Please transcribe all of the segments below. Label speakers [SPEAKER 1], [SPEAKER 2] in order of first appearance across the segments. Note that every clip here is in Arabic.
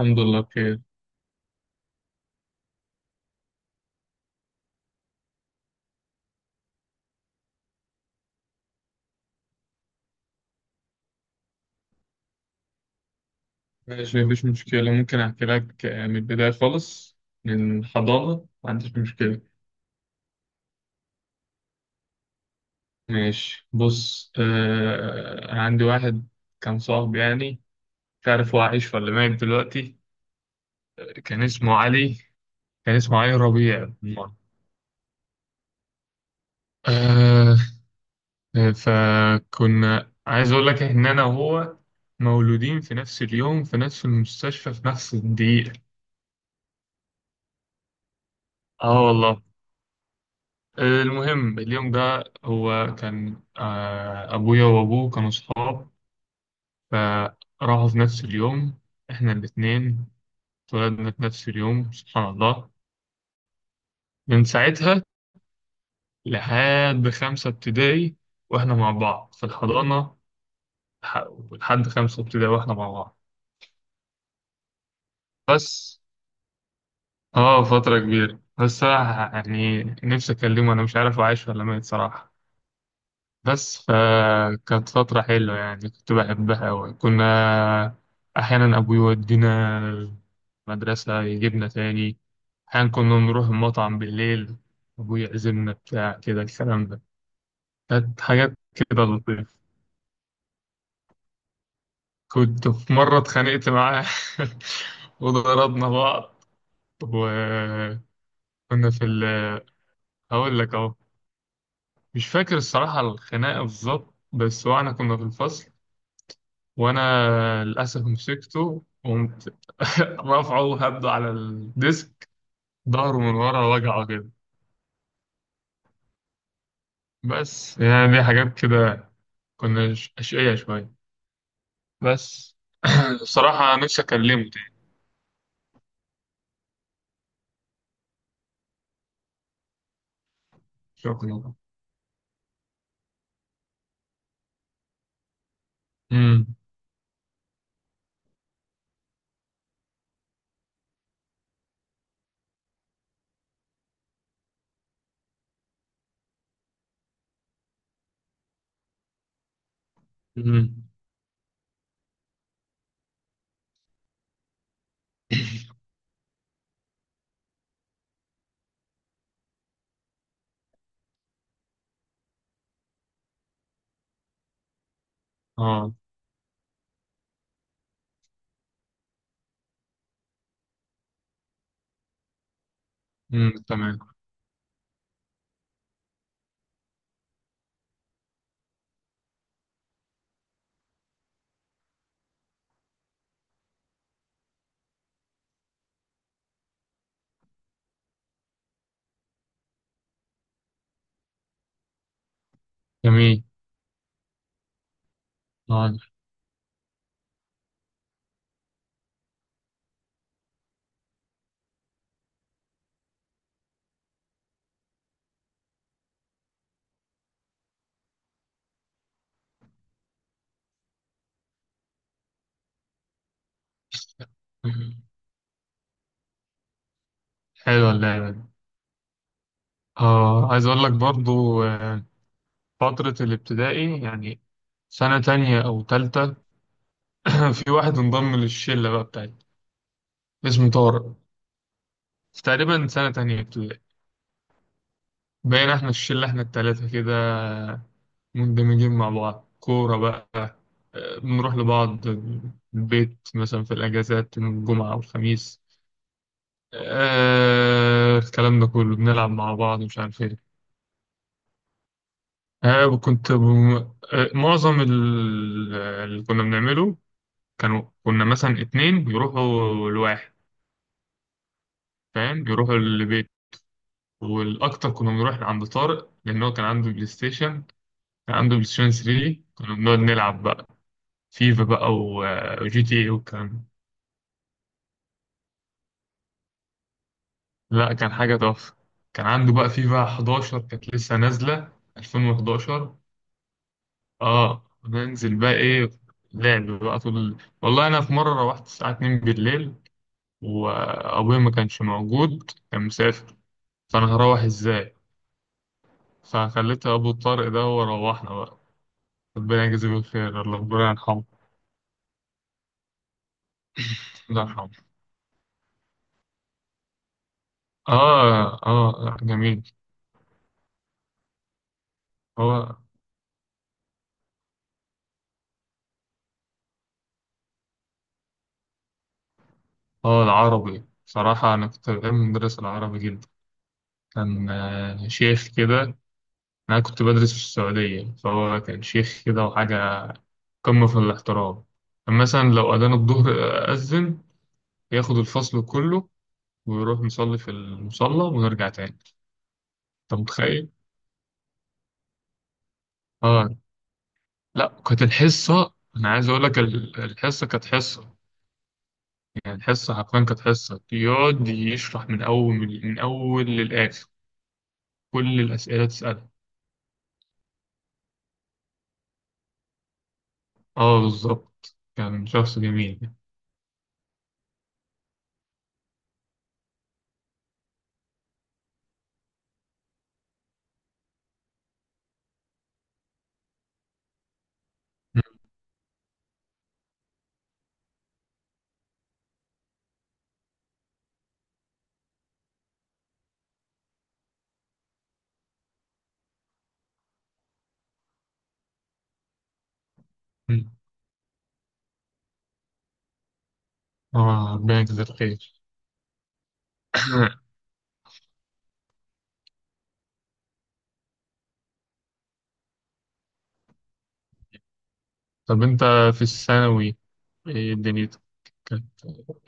[SPEAKER 1] الحمد لله بخير. ماشي، مفيش مشكلة. ممكن أحكي لك من البداية خالص، من الحضانة. ما عنديش مشكلة. ماشي، بص عندي واحد كان صاحبي، يعني مش عارف هو عايش ولا ميت دلوقتي. كان اسمه علي، كان اسمه علي ربيع بالمرة. آه فكنا عايز أقول لك إن أنا وهو مولودين في نفس اليوم، في نفس المستشفى، في نفس الدقيقة. اه والله. المهم اليوم ده هو كان، أبويا وأبوه كانوا صحاب، فراحوا في نفس اليوم. إحنا الاتنين اتولدنا في نفس اليوم، سبحان الله. من ساعتها لحد خمسة ابتدائي وإحنا مع بعض في الحضانة. لحد خمسة ابتدائي وإحنا مع بعض. بس فترة كبيرة، بس صراحة يعني نفسي أكلمه، أنا مش عارف هو عايش ولا ميت صراحة. بس فكانت فترة حلوة يعني، كنت بحبها أوي. كنا أحيانا أبوي يودينا مدرسة، يجيبنا تاني. أحيانا كنا نروح المطعم بالليل، أبوي يعزمنا بتاع كده الكلام ده. كانت حاجات كده لطيفة. كنت في مرة اتخانقت معاه وضربنا بعض. وكنا في ال هقول لك أهو. مش فاكر الصراحة الخناقة بالظبط، بس واحنا كنا في الفصل، وانا للاسف مسكته، قمت رافعه هبده على الديسك، ظهره من ورا وجعه كده. بس يعني دي حاجات كده، كنا اشقية شوية. بس الصراحة نفسي اكلمه تاني. شكرا. امم امم اه. تمام. جميل. آه. حلوة اللعبة دي. اه عايز اقول لك برضو، فترة الابتدائي يعني، سنة تانية او تالتة. في واحد انضم للشلة بقى بتاعتي، اسمه طارق، تقريبا سنة تانية ابتدائي. بقينا احنا الشلة، احنا التلاتة كده مندمجين مع بعض، كورة بقى، بنروح لبعض البيت مثلا في الأجازات من الجمعة والخميس. الكلام ده كله بنلعب مع بعض، مش عارف ايه. آه وكنت بم... معظم اللي كنا بنعمله، كنا مثلا اتنين يروحوا لواحد. فاهم، يروحوا لبيت. والأكتر كنا بنروح عند طارق، لأن هو كان عنده بلاي ستيشن. كان عنده بلاي ستيشن 3، كنا بنقعد نلعب بقى فيفا بقى وجي تي اي والكلام ده. لا كان حاجة تحفة، كان عنده بقى فيفا 11، كانت لسه نازلة، 2011. اه ننزل بقى ايه، لعب بقى طول والله انا في مرة روحت الساعة 2 بالليل، وابويا ما كانش موجود، كان مسافر، فانا هروح ازاي؟ فخليت ابو طارق ده، وروحنا بقى. ربنا يجازيه بالخير، الله ربنا يرحمه. الله يرحمه. اه اه جميل. هو هو العربي. صراحة أنا كنت بحب مدرس العربي جدا. كان، شيخ كده. أنا كنت بدرس في السعودية، فهو كان شيخ كده وحاجة، قمة في الاحترام. كان مثلا لو أذان الظهر أذن، ياخد الفصل كله ويروح نصلي في المصلى ونرجع تاني. أنت متخيل؟ آه. لا كانت الحصة، أنا عايز أقول لك الحصة كانت حصة، يعني الحصة حرفيا كانت حصة يقعد يشرح من أول للآخر. كل الأسئلة تسألها. اه بالظبط، كان شخص جميل يعني. مم. اه ربنا يجزاه الخير. طب انت في الثانوي ايه دنيتك كانت؟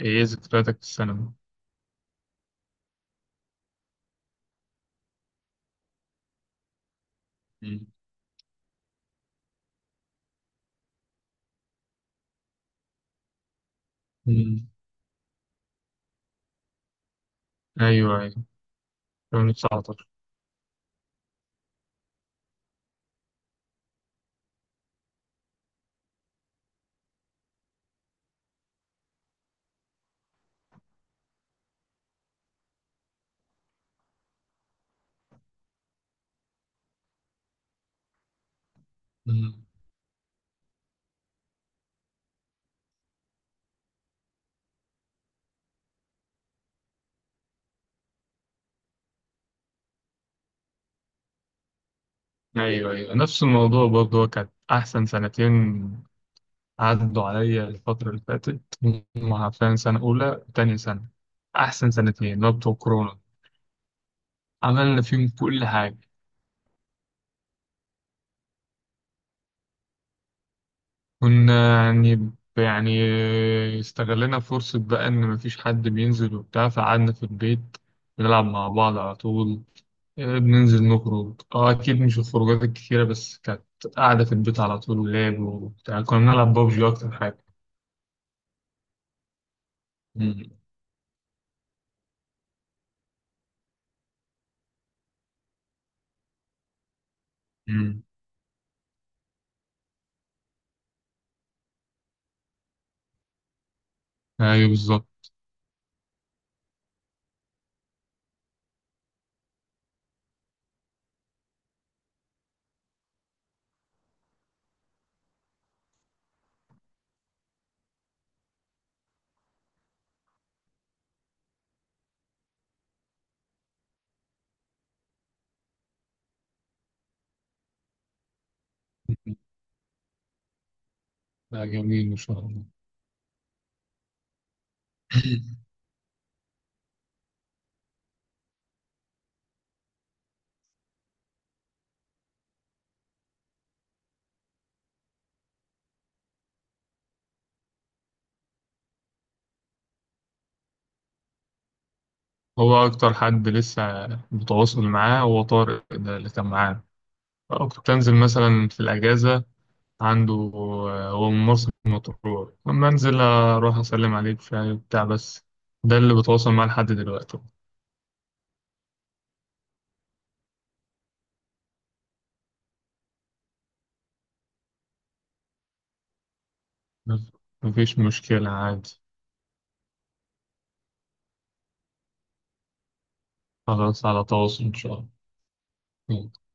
[SPEAKER 1] ايه ذكرياتك في الثانوي؟ مم. مم. ايوه ايوه. 2019. مم. ايوه ايوه، نفس الموضوع برضه. هو كانت احسن سنتين عدوا عليا الفترة اللي فاتت، هم عارفين، سنة أولى وتانية سنة، أحسن سنتين، اللي هو بتوع كورونا. عملنا فيهم كل حاجة. كنا يعني يعني استغلنا فرصة بقى إن مفيش حد بينزل وبتاع، فقعدنا في البيت بنلعب مع بعض على طول. بننزل نخرج، اه أكيد مش الخروجات الكتيرة، بس كانت قاعدة في البيت على طول، ولعب وبتاع، كنا بنلعب بابجي أكتر حاجة. مم. مم. أيوه بالظبط. مم. لا جميل ما شاء الله. هو أكتر حد لسه بتواصل معاه هو طارق ده اللي كان معانا. كنت أنزل مثلا في الأجازة عنده. هو من مرسى مطروح، أما أنزل أروح أسلم عليك شاي وبتاع بس، ده اللي بتواصل معاه لحد دلوقتي. بس مفيش مشكلة عادي. خلاص، على تواصل إن شاء الله